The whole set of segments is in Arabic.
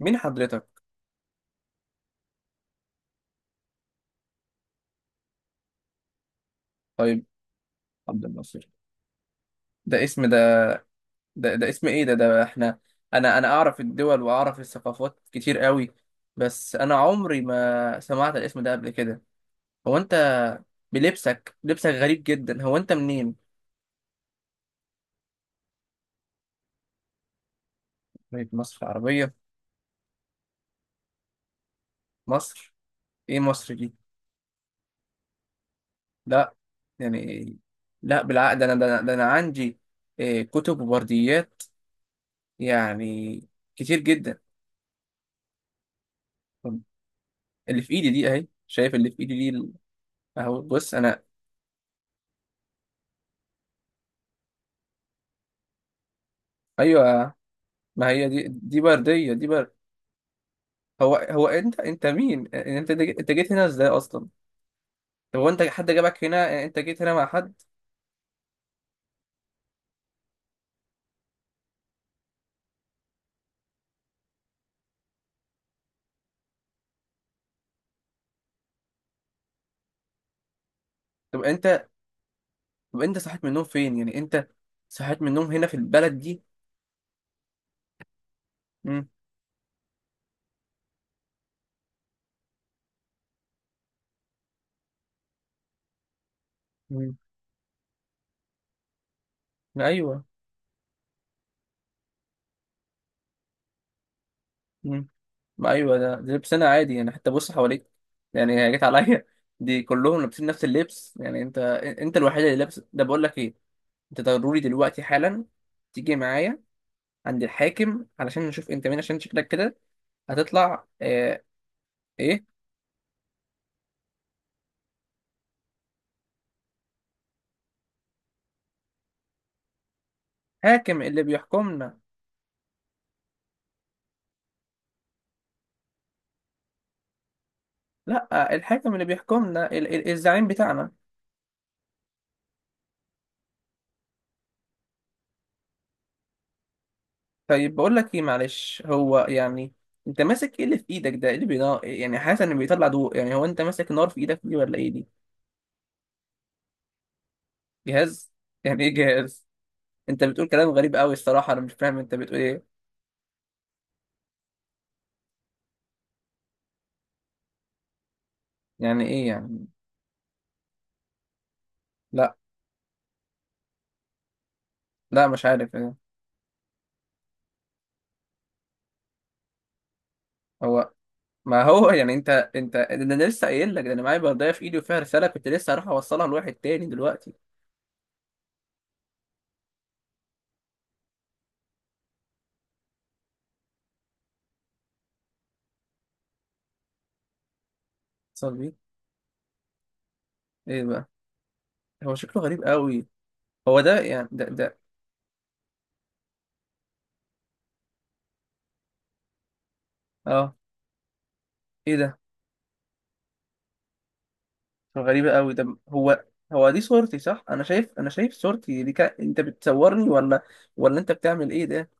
مين حضرتك؟ طيب عبد الناصر. ده اسم ده ده اسم ايه ده احنا. انا اعرف الدول واعرف الثقافات كتير قوي، بس انا عمري ما سمعت الاسم ده قبل كده. هو انت لبسك غريب جدا. هو انت منين؟ طيب مصر العربية. مصر، ايه مصر دي؟ لا، يعني لا بالعقد انا عندي إيه كتب وبرديات يعني كتير جدا. طب اللي في ايدي دي اهي، شايف اللي في ايدي دي اهو بص انا. ايوه ما هي دي برديه دي برد هو انت مين يعني، انت جيت هنا ازاي اصلا؟ طب هو انت حد جابك هنا؟ يعني انت جيت هنا مع حد؟ طب انت طب انت صحيت من النوم فين؟ يعني انت صحيت من النوم هنا في البلد دي؟ امم امم ايوه امم ما ايوه ده لبسنا عادي يعني، حتى بص حواليك، يعني هي جت عليا دي كلهم لابسين نفس اللبس يعني. انت انت الوحيد اللي لابس ده. بقول لك ايه، انت ضروري دلوقتي حالا تيجي معايا عند الحاكم علشان نشوف انت مين، عشان شكلك كده هتطلع ايه. حاكم اللي بيحكمنا، لا الحاكم اللي بيحكمنا ال الزعيم بتاعنا. طيب بقول لك ايه، معلش هو يعني، انت ماسك ايه اللي في ايدك ده؟ إيه اللي بينا يعني؟ حاسس ان بيطلع ضوء، يعني هو انت ماسك نار في ايدك دي ولا ايه دي؟ جهاز؟ يعني ايه جهاز؟ انت بتقول كلام غريب قوي الصراحة، انا مش فاهم انت بتقول ايه. يعني ايه يعني؟ لا، لا مش عارف يعني. هو ما هو يعني انت، ده انا لسه قايل لك، ده انا معايا بردايه في ايدي وفيها رساله، كنت لسه هروح اوصلها لواحد تاني دلوقتي. اتصل بيه؟ ايه بقى؟ هو شكله غريب قوي. هو ده اه ايه ده؟ غريبة قوي ده. هو هو دي صورتي صح؟ انا شايف، انا شايف صورتي دي انت بتصورني ولا ولا انت بتعمل ايه ده؟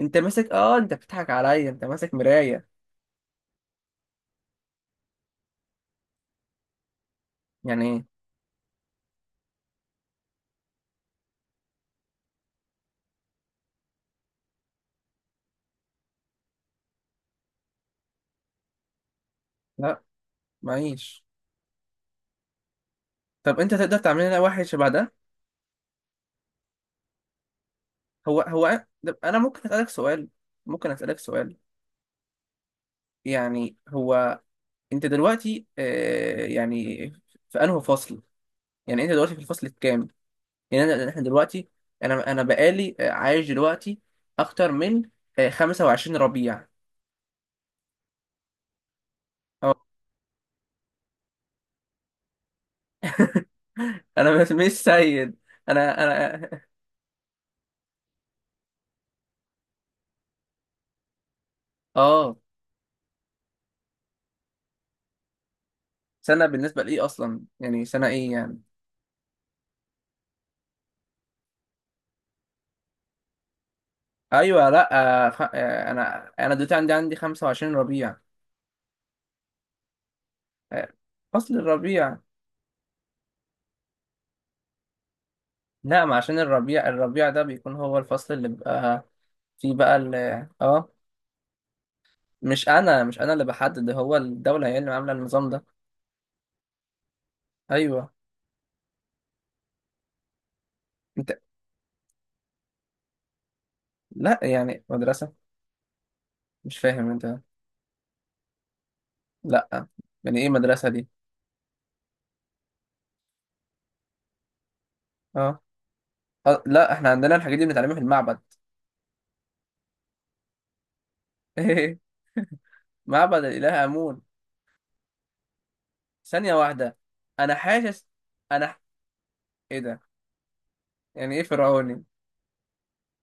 انت ماسك، اه انت بتضحك عليا، انت ماسك مراية. يعني ايه؟ لا معيش. طب انت تقدر تعمل لنا واحد شبه ده؟ انا ممكن اسالك سؤال؟ ممكن اسالك سؤال، يعني هو انت دلوقتي يعني في انهي فصل؟ يعني انت دلوقتي في الفصل الكام؟ احنا دلوقتي، انا بقالي عايش دلوقتي اكتر من 25 ربيع. اه انا مش سيد، انا اه. سنه بالنسبه لايه اصلا؟ يعني سنه ايه يعني؟ ايوه لا آه، خ... آه، انا دلوقتي عندي 25 ربيع. آه، فصل الربيع. لا، ما عشان الربيع، الربيع ده بيكون هو الفصل اللي بيبقى فيه بقى اه، مش انا اللي بحدد، هو الدوله هي اللي عامله النظام ده. ايوه انت، لا يعني مدرسه؟ مش فاهم انت، لا يعني ايه مدرسة دي؟ اه لا احنا عندنا الحاجات دي بنتعلمها في المعبد. معبد الإله آمون. ثانية واحدة، انا حاسس، انا ح- ايه ده؟ يعني ايه فرعوني؟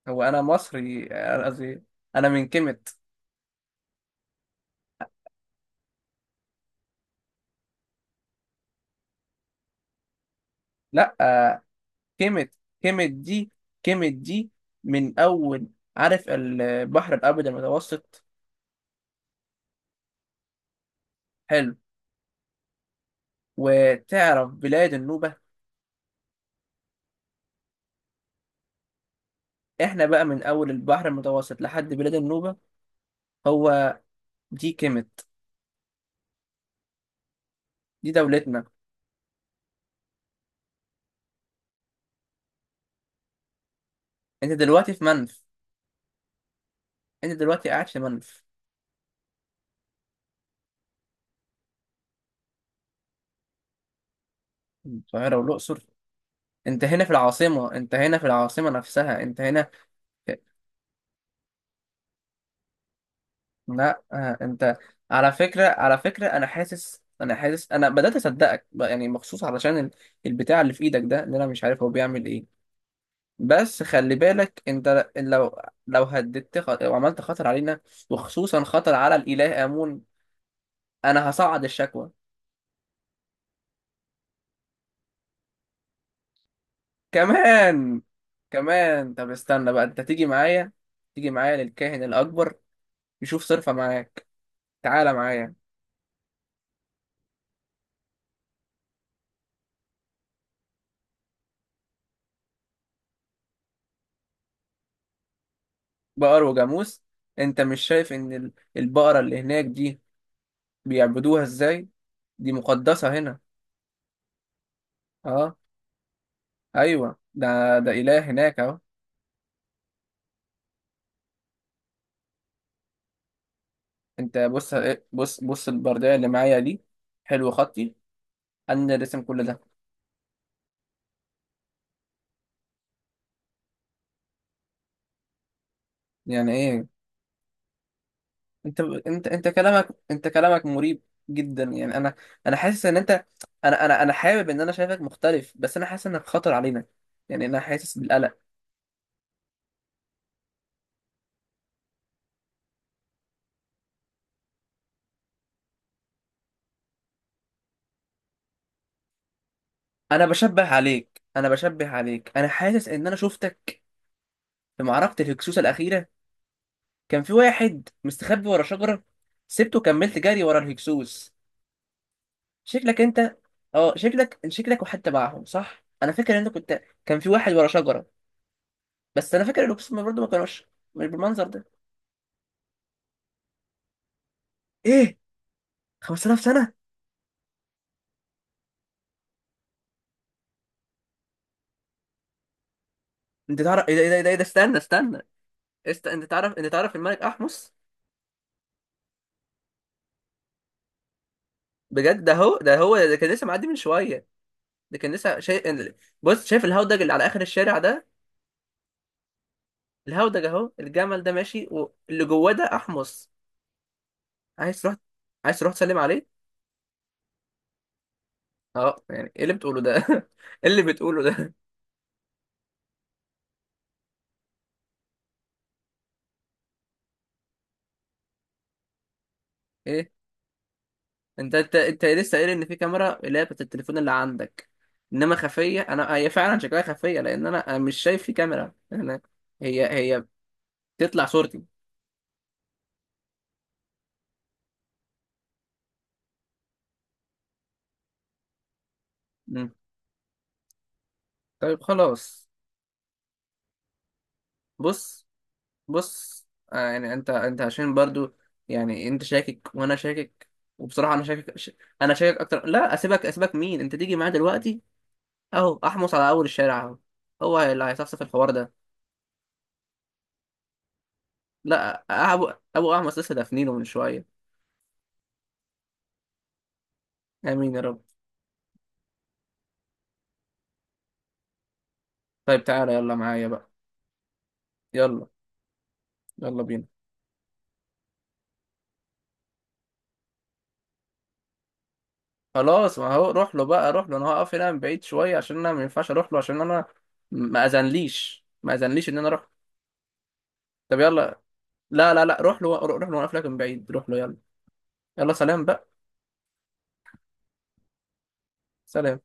هو انا مصري، قصدي انا من كيميت. لا كيميت كيميت دي كيميت دي من اول، عارف البحر الابيض المتوسط. حلو. وتعرف بلاد النوبة. احنا بقى من اول البحر المتوسط لحد بلاد النوبة، هو دي كيميت، دي دولتنا. انت دلوقتي في منف. انت دلوقتي قاعد في منف، القاهرة والأقصر. انت هنا في العاصمة، انت هنا في العاصمة نفسها. انت هنا في... لا انت، على فكرة انا حاسس، انا بدأت اصدقك بقى، يعني مخصوص علشان البتاع اللي في ايدك ده اللي انا مش عارف هو بيعمل ايه. بس خلي بالك انت لو، لو وعملت خطر علينا، وخصوصا خطر على الإله آمون، انا هصعد الشكوى. كمان، كمان طب استنى بقى، انت تيجي معايا، تيجي معايا للكاهن الأكبر يشوف صرفة معاك. تعالى معايا. بقر وجاموس، انت مش شايف ان البقرة اللي هناك دي بيعبدوها ازاي؟ دي مقدسة هنا. اه ايوه ده ده إله هناك اهو. انت بص ايه، بص بص البردية اللي معايا دي، حلو خطي، انا اللي رسم كل ده. يعني ايه؟ انت كلامك، انت كلامك مريب جدا يعني. انا، انا حاسس ان انت، انا حابب ان انا شايفك مختلف، بس انا حاسس انك خطر علينا، يعني انا حاسس بالقلق. انا بشبه عليك، انا حاسس ان انا شفتك في معركة الهكسوس الأخيرة، كان في واحد مستخبي ورا شجرة، سبته وكملت جري ورا الهكسوس. شكلك انت اه، شكلك وحدت معاهم صح. انا فاكر ان انت كنت، كان في واحد ورا شجرة، بس انا فاكر الهكسوس برضه ما كانوش مش بالمنظر ده. ايه 5000 سنة؟ انت تعرف ايه ده؟ ايه ده ايه ده إيه ده؟ استنى، استنى انت تعرف الملك احمس؟ بجد؟ ده هو كان لسه معدي من شويه، ده كان لسه شايف، بص، شايف الهودج اللي على اخر الشارع ده؟ الهودج اهو، الجمل ده ماشي واللي جواه ده احمس. عايز تروح؟ تسلم عليه؟ اه، يعني ايه اللي بتقوله ده؟ ايه اللي بتقوله ده؟ ايه، انت لسه قايل ان في كاميرا اللي هي بتاعت التليفون اللي عندك، انما خفيه، انا هي فعلا شكلها خفيه لان انا مش شايف في كاميرا. انا، هي هي بتطلع صورتي. طيب خلاص بص، بص آه يعني انت عشان برضو يعني انت شاكك وانا شاكك، وبصراحة انا انا شاكك اكتر، لا اسيبك، اسيبك مين، انت تيجي معايا دلوقتي. اهو احمص على اول الشارع اهو، هو اللي هيصفصف الحوار ده. لا ابو احمص لسه دافنينه من شوية. امين يا رب. طيب تعالى يلا معايا بقى. يلا، يلا بينا. خلاص ما هو روح له بقى، روح له، انا هقف هنا من بعيد شوية عشان انا ما ينفعش اروح له، عشان انا ما اذنليش ان انا اروح. طب يلا، لا لا لا روح له، روح له وانا قافلك من بعيد، روح له يلا. يلا سلام بقى. سلام.